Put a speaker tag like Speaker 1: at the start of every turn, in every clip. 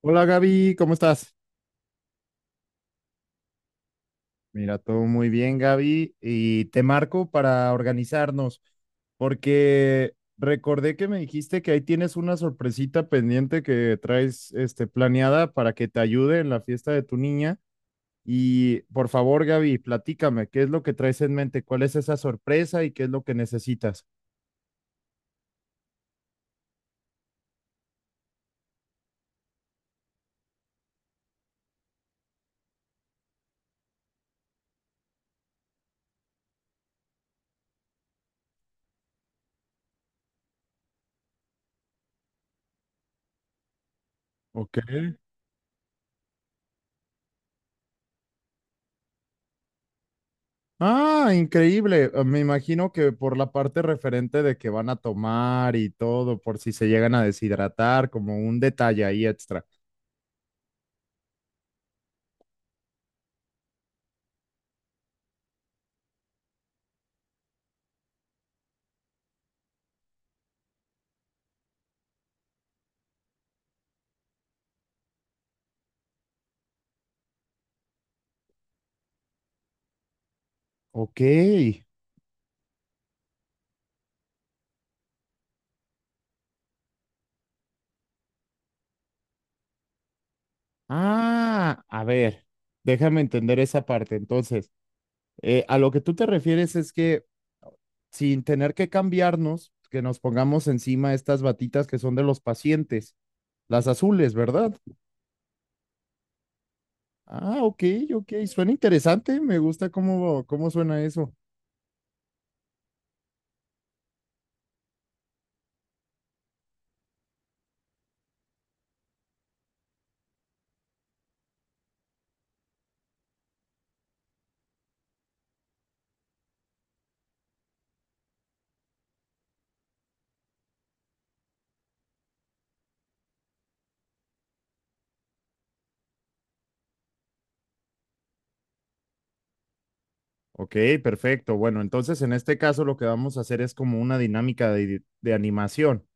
Speaker 1: Hola Gaby, ¿cómo estás? Mira, todo muy bien Gaby y te marco para organizarnos porque recordé que me dijiste que ahí tienes una sorpresita pendiente que traes planeada para que te ayude en la fiesta de tu niña y por favor Gaby, platícame, ¿qué es lo que traes en mente? ¿Cuál es esa sorpresa y qué es lo que necesitas? Ok. Ah, increíble. Me imagino que por la parte referente de que van a tomar y todo, por si se llegan a deshidratar, como un detalle ahí extra. Ok. Ah, a ver, déjame entender esa parte. Entonces, a lo que tú te refieres es que sin tener que cambiarnos, que nos pongamos encima estas batitas que son de los pacientes, las azules, ¿verdad? Ah, ok, ok. Suena interesante. Me gusta cómo, cómo suena eso. Ok, perfecto. Bueno, entonces en este caso lo que vamos a hacer es como una dinámica de animación.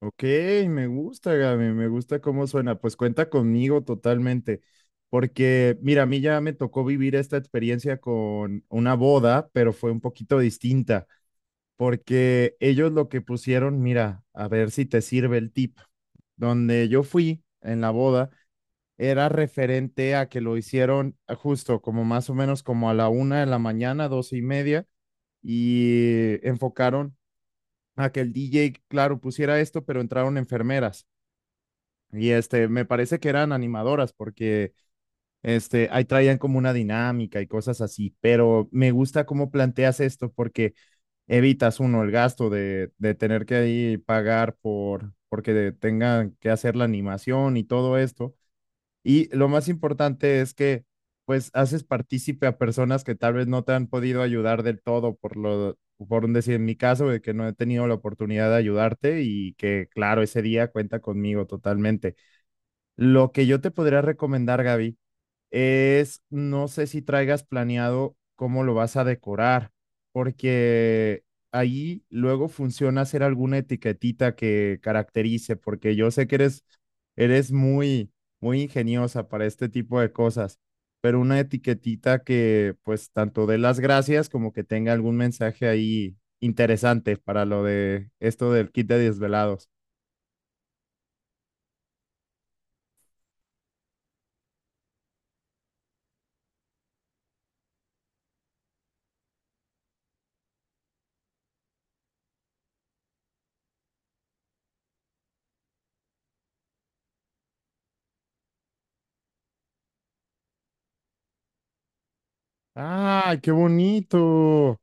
Speaker 1: Ok, me gusta, Gaby, me gusta cómo suena. Pues cuenta conmigo totalmente, porque mira, a mí ya me tocó vivir esta experiencia con una boda, pero fue un poquito distinta, porque ellos lo que pusieron, mira, a ver si te sirve el tip, donde yo fui en la boda era referente a que lo hicieron ah, justo como más o menos como a la 1 de la mañana, 12:30 y enfocaron a que el DJ, claro, pusiera esto, pero entraron enfermeras. Y me parece que eran animadoras porque ahí traían como una dinámica y cosas así, pero me gusta cómo planteas esto porque evitas uno el gasto de tener que ahí pagar por porque tengan que hacer la animación y todo esto y lo más importante es que pues haces partícipe a personas que tal vez no te han podido ayudar del todo por un decir en mi caso, de que no he tenido la oportunidad de ayudarte y que claro, ese día cuenta conmigo totalmente. Lo que yo te podría recomendar, Gaby, es, no sé si traigas planeado cómo lo vas a decorar, porque ahí luego funciona hacer alguna etiquetita que caracterice, porque yo sé que eres muy, muy ingeniosa para este tipo de cosas, pero una etiquetita que pues tanto dé las gracias como que tenga algún mensaje ahí interesante para lo de esto del kit de desvelados. ¡Ah, qué bonito!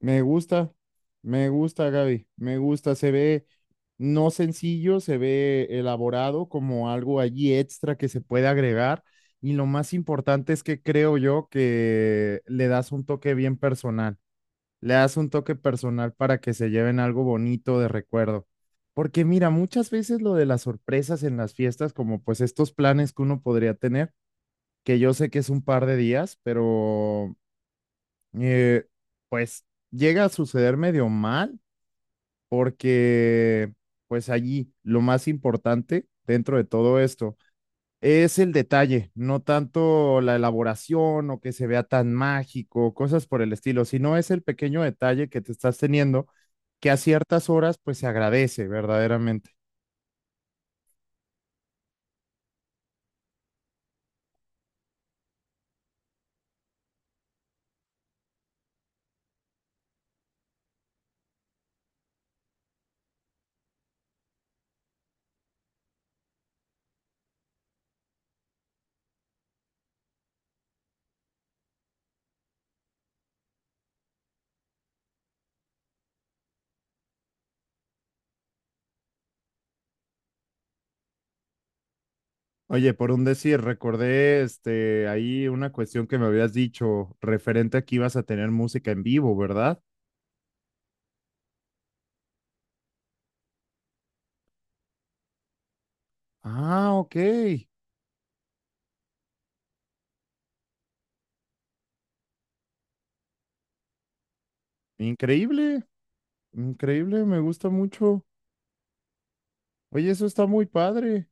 Speaker 1: Me gusta, me gusta, Gaby, me gusta, se ve no sencillo, se ve elaborado como algo allí extra que se puede agregar y lo más importante es que creo yo que le das un toque bien personal, le das un toque personal para que se lleven algo bonito de recuerdo. Porque mira, muchas veces lo de las sorpresas en las fiestas, como pues estos planes que uno podría tener, que yo sé que es un par de días, pero eh, pues llega a suceder medio mal porque pues allí lo más importante dentro de todo esto es el detalle, no tanto la elaboración o que se vea tan mágico, cosas por el estilo, sino es el pequeño detalle que te estás teniendo que a ciertas horas pues se agradece verdaderamente. Oye, por un decir, recordé ahí una cuestión que me habías dicho referente a que ibas a tener música en vivo, ¿verdad? Ah, ok. Increíble, increíble, me gusta mucho. Oye, eso está muy padre.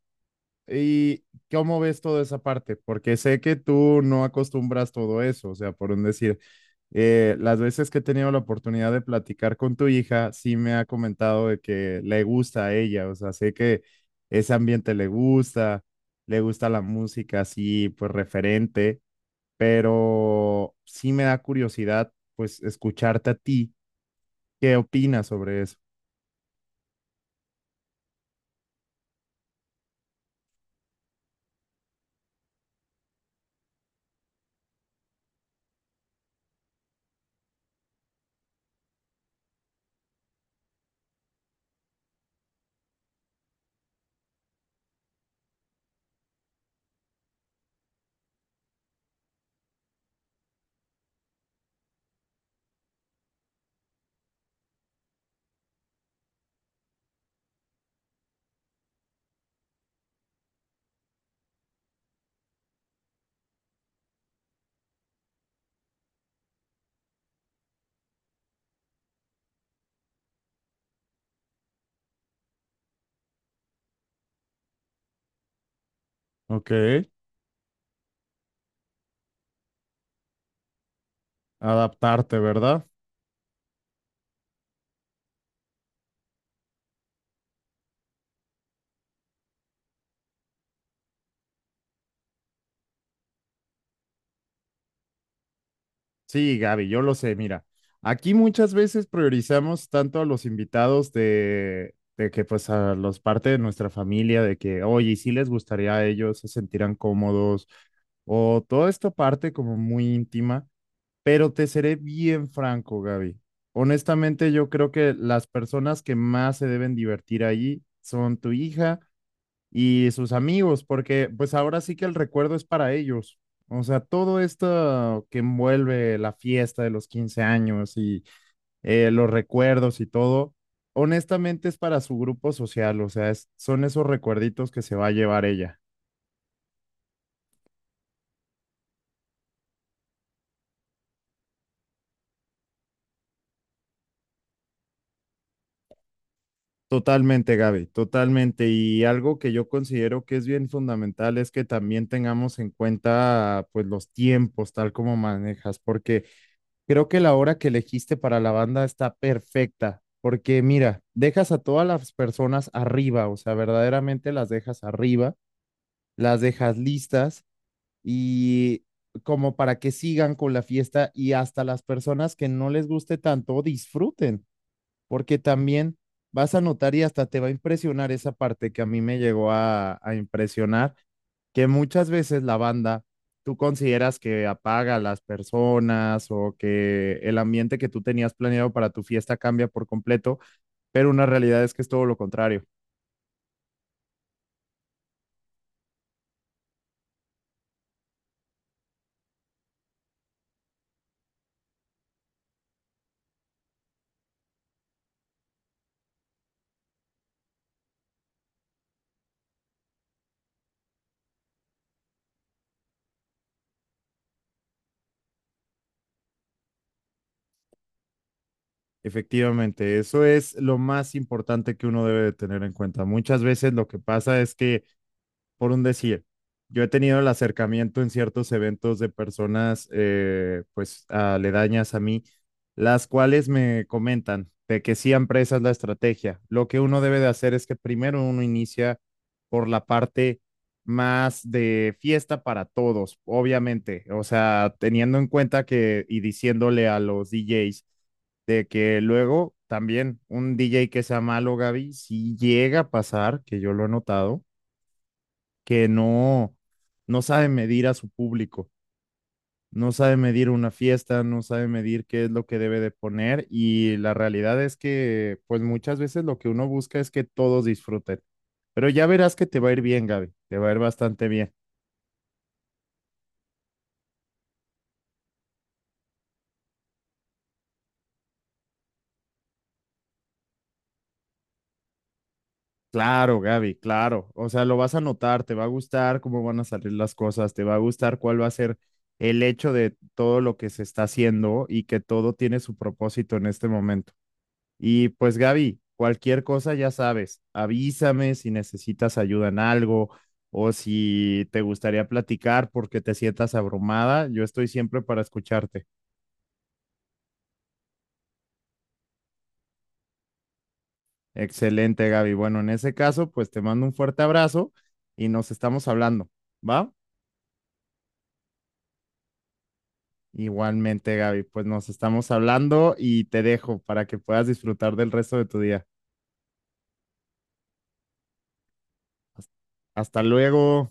Speaker 1: ¿Y cómo ves toda esa parte? Porque sé que tú no acostumbras todo eso, o sea, por un decir, las veces que he tenido la oportunidad de platicar con tu hija, sí me ha comentado de que le gusta a ella, o sea, sé que ese ambiente le gusta la música así, pues referente, pero sí me da curiosidad, pues, escucharte a ti, ¿qué opinas sobre eso? Ok. Adaptarte, ¿verdad? Sí, Gaby, yo lo sé. Mira, aquí muchas veces priorizamos tanto a los invitados de que pues a los parte de nuestra familia, de que, oye, si les gustaría a ellos, se sentirán cómodos, o toda esta parte como muy íntima, pero te seré bien franco, Gaby. Honestamente, yo creo que las personas que más se deben divertir ahí son tu hija y sus amigos, porque pues ahora sí que el recuerdo es para ellos. O sea, todo esto que envuelve la fiesta de los 15 años y los recuerdos y todo, honestamente es para su grupo social, o sea, son esos recuerditos que se va a llevar ella. Totalmente, Gaby, totalmente. Y algo que yo considero que es bien fundamental es que también tengamos en cuenta pues los tiempos, tal como manejas, porque creo que la hora que elegiste para la banda está perfecta, porque mira, dejas a todas las personas arriba, o sea, verdaderamente las dejas arriba, las dejas listas y como para que sigan con la fiesta y hasta las personas que no les guste tanto disfruten, porque también vas a notar y hasta te va a impresionar esa parte que a mí me llegó a impresionar que muchas veces la banda, tú consideras que apaga a las personas o que el ambiente que tú tenías planeado para tu fiesta cambia por completo, pero una realidad es que es todo lo contrario. Efectivamente, eso es lo más importante que uno debe de tener en cuenta. Muchas veces lo que pasa es que por un decir, yo he tenido el acercamiento en ciertos eventos de personas, pues, aledañas a mí, las cuales me comentan de que siempre esa es la estrategia. Lo que uno debe de hacer es que primero uno inicia por la parte más de fiesta para todos, obviamente, o sea, teniendo en cuenta que y diciéndole a los DJs de que luego también un DJ que sea malo, Gaby, si llega a pasar, que yo lo he notado, que no, no sabe medir a su público, no sabe medir una fiesta, no sabe medir qué es lo que debe de poner y la realidad es que pues muchas veces lo que uno busca es que todos disfruten. Pero ya verás que te va a ir bien, Gaby, te va a ir bastante bien. Claro, Gaby, claro. O sea, lo vas a notar, te va a gustar cómo van a salir las cosas, te va a gustar cuál va a ser el hecho de todo lo que se está haciendo y que todo tiene su propósito en este momento. Y pues Gaby, cualquier cosa ya sabes, avísame si necesitas ayuda en algo o si te gustaría platicar porque te sientas abrumada, yo estoy siempre para escucharte. Excelente, Gaby. Bueno, en ese caso, pues te mando un fuerte abrazo y nos estamos hablando, ¿va? Igualmente, Gaby, pues nos estamos hablando y te dejo para que puedas disfrutar del resto de tu día. Hasta Hasta luego.